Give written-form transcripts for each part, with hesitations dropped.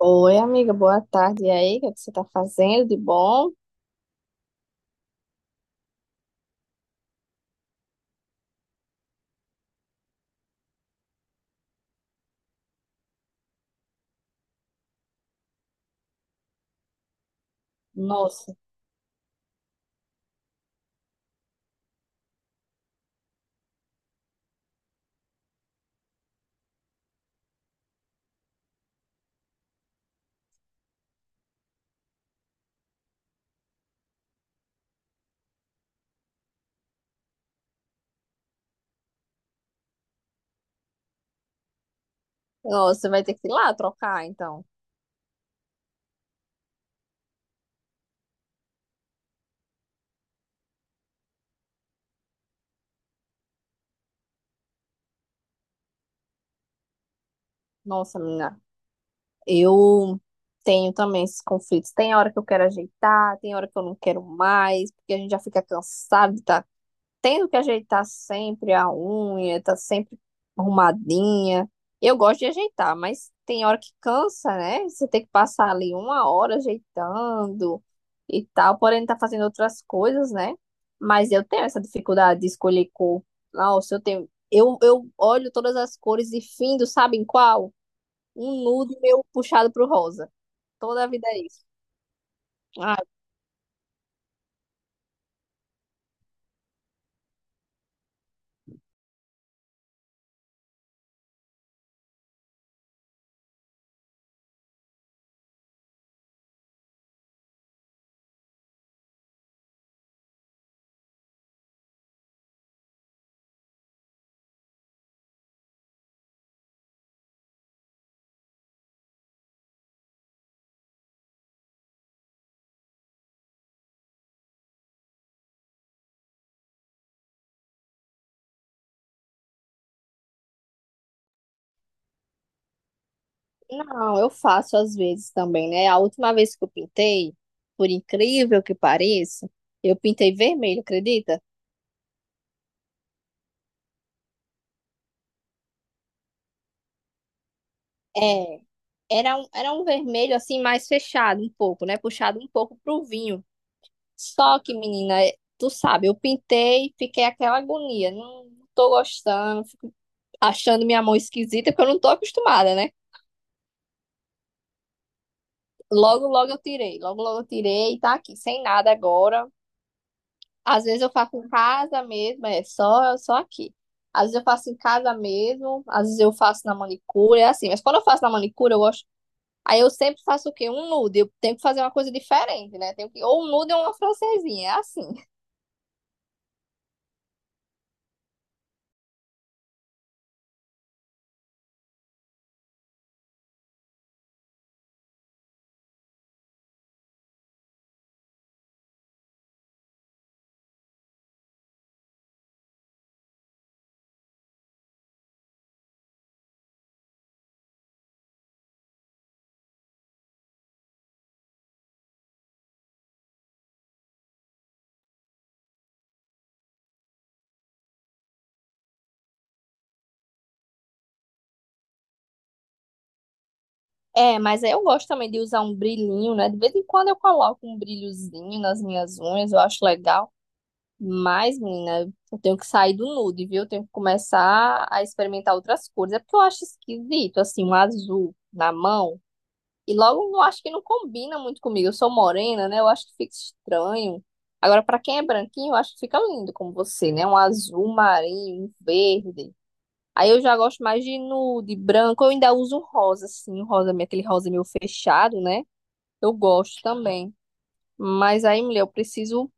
Oi, amiga, boa tarde. E aí, o que é que você tá fazendo de bom? Nossa, nossa, vai ter que ir lá trocar, então. Nossa, menina, eu tenho também esses conflitos. Tem hora que eu quero ajeitar, tem hora que eu não quero mais, porque a gente já fica cansado, tendo que ajeitar sempre a unha, tá sempre arrumadinha. Eu gosto de ajeitar, mas tem hora que cansa, né? Você tem que passar ali uma hora ajeitando e tal, porém tá fazendo outras coisas, né? Mas eu tenho essa dificuldade de escolher cor. Nossa, eu tenho. Eu olho todas as cores e findo, sabe em qual? Um nude meu puxado pro rosa. Toda a vida é isso. Não, eu faço às vezes também, né? A última vez que eu pintei, por incrível que pareça, eu pintei vermelho, acredita? É, era um vermelho assim mais fechado um pouco, né? Puxado um pouco pro vinho. Só que, menina, é- tu sabe, eu pintei, fiquei aquela agonia, não, não tô gostando, fico achando minha mão esquisita, porque eu não tô acostumada, né? Logo, logo eu tirei, logo, logo eu tirei, tá aqui, sem nada agora. Às vezes eu faço em casa mesmo, é só, só aqui. Às vezes eu faço em casa mesmo, às vezes eu faço na manicure, é assim. Mas quando eu faço na manicure, eu gosto. Aí eu sempre faço o quê? Um nude. Eu tenho que fazer uma coisa diferente, né? Tenho que... Ou um nude ou uma francesinha, é assim. É, mas aí eu gosto também de usar um brilhinho, né? De vez em quando eu coloco um brilhozinho nas minhas unhas, eu acho legal. Mas, menina, eu tenho que sair do nude, viu? Eu tenho que começar a experimentar outras cores. É porque eu acho esquisito, assim, um azul na mão. E logo, eu acho que não combina muito comigo. Eu sou morena, né? Eu acho que fica estranho. Agora, pra quem é branquinho, eu acho que fica lindo como você, né? Um azul marinho, um verde. Aí eu já gosto mais de nude, branco. Eu ainda uso rosa, assim, rosa, aquele rosa meio fechado, né? Eu gosto também. Mas aí, mulher, eu preciso.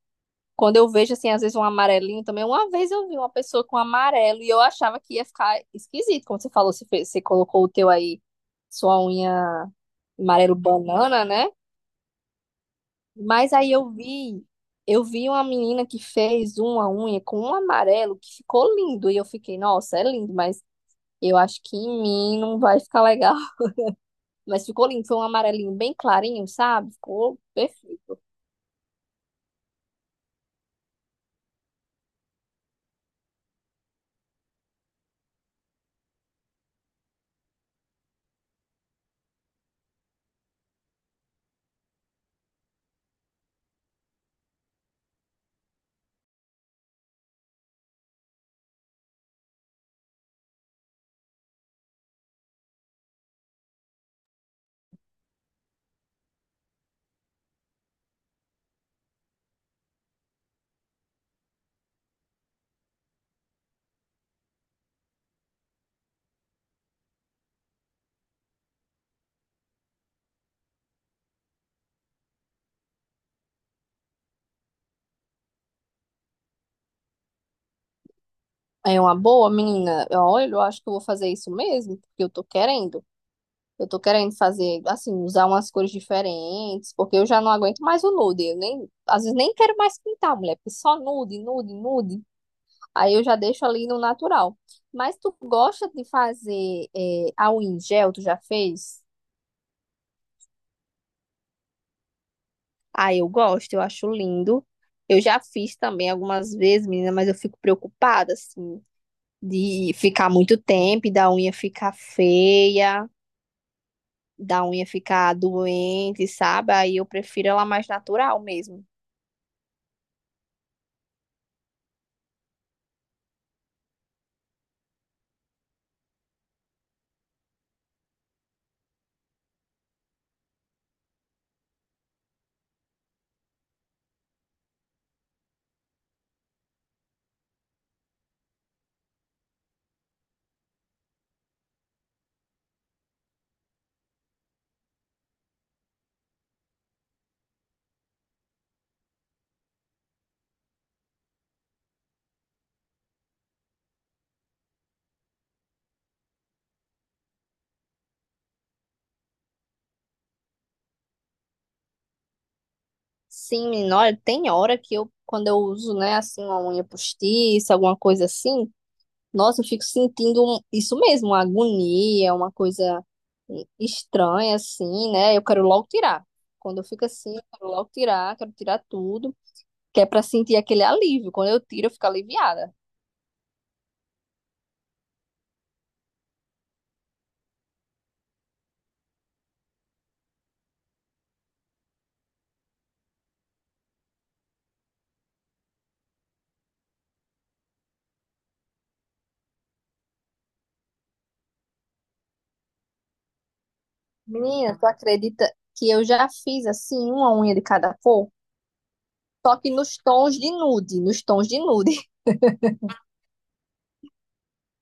Quando eu vejo, assim, às vezes um amarelinho também. Uma vez eu vi uma pessoa com amarelo e eu achava que ia ficar esquisito. Como você falou, você, fez- você colocou o teu aí, sua unha amarelo banana, né? Mas aí eu vi uma menina que fez uma unha com um amarelo que ficou lindo. E eu fiquei, nossa, é lindo, mas eu acho que em mim não vai ficar legal. Mas ficou lindo, foi um amarelinho bem clarinho, sabe? Ficou perfeito. É uma boa, menina. Olha, eu acho que eu vou fazer isso mesmo, porque eu tô querendo. Eu tô querendo fazer, assim, usar umas cores diferentes, porque eu já não aguento mais o nude. Eu nem, às vezes nem quero mais pintar, mulher, porque só nude, nude, nude. Aí eu já deixo ali no natural. Mas tu gosta de fazer é, a unha em gel? Tu já fez? Ah, eu gosto, eu acho lindo. Eu já fiz também algumas vezes, menina, mas eu fico preocupada, assim, de ficar muito tempo e da unha ficar feia, da unha ficar doente, sabe? Aí eu prefiro ela mais natural mesmo. Sim, menina, olha, tem hora que eu, quando eu uso, né, assim, uma unha postiça, alguma coisa assim. Nossa, eu fico sentindo um- isso mesmo, uma agonia, uma coisa estranha, assim, né? Eu quero logo tirar. Quando eu fico assim, eu quero logo tirar, quero tirar tudo, que é pra sentir aquele alívio. Quando eu tiro, eu fico aliviada. Menina, tu acredita que eu já fiz, assim, uma unha de cada cor? Só que nos tons de nude, nos tons de nude.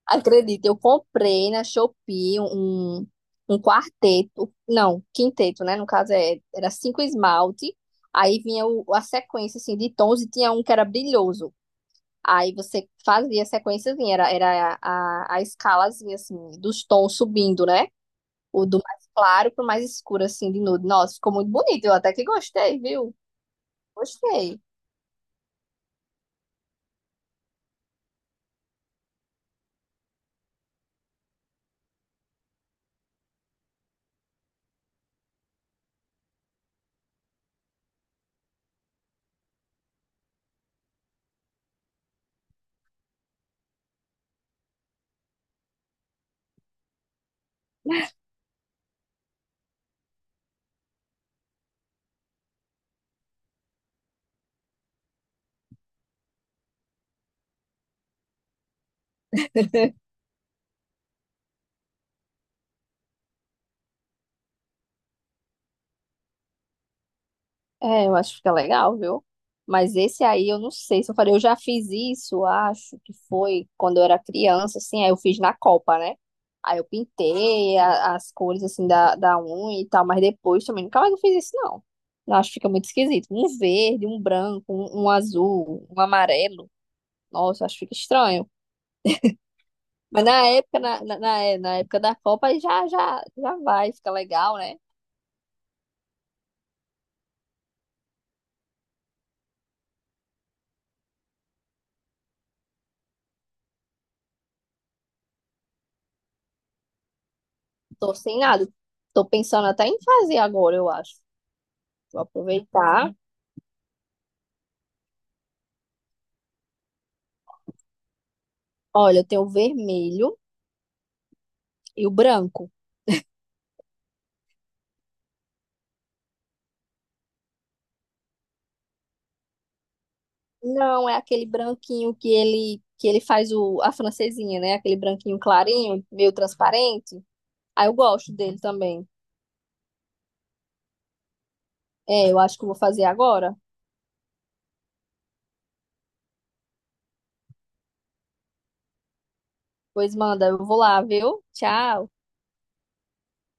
Acredita, eu comprei na Shopee um quarteto, não, quinteto, né? No caso é, era cinco esmalte, aí vinha o- a sequência assim, de tons e tinha um que era brilhoso. Aí você fazia a sequenciazinha, era, era a escalazinha assim, dos tons subindo, né? O do mais claro pro mais escuro, assim, de nude. Nossa, ficou muito bonito, eu até que gostei, viu? Gostei. É, eu acho que fica legal, viu? Mas esse aí eu não sei se eu falei, eu já fiz isso, acho que foi quando eu era criança, assim, aí eu fiz na Copa, né? Aí eu pintei a- as cores, assim, da unha e tal, mas depois também nunca mais eu fiz isso, não. Eu acho que fica muito esquisito. Um verde, um branco, um azul, um amarelo. Nossa, acho que fica estranho. Mas na época, na é, na época da Copa, aí já, já, já vai, fica legal, né? Tô sem nada. Tô pensando até em fazer agora, eu acho. Vou aproveitar. Olha, eu tenho o vermelho e o branco. Não, é aquele branquinho que ele faz o, a francesinha, né? Aquele branquinho clarinho, meio transparente. Aí eu gosto dele também. É, eu acho que eu vou fazer agora. Pois manda, eu vou lá, viu? Tchau.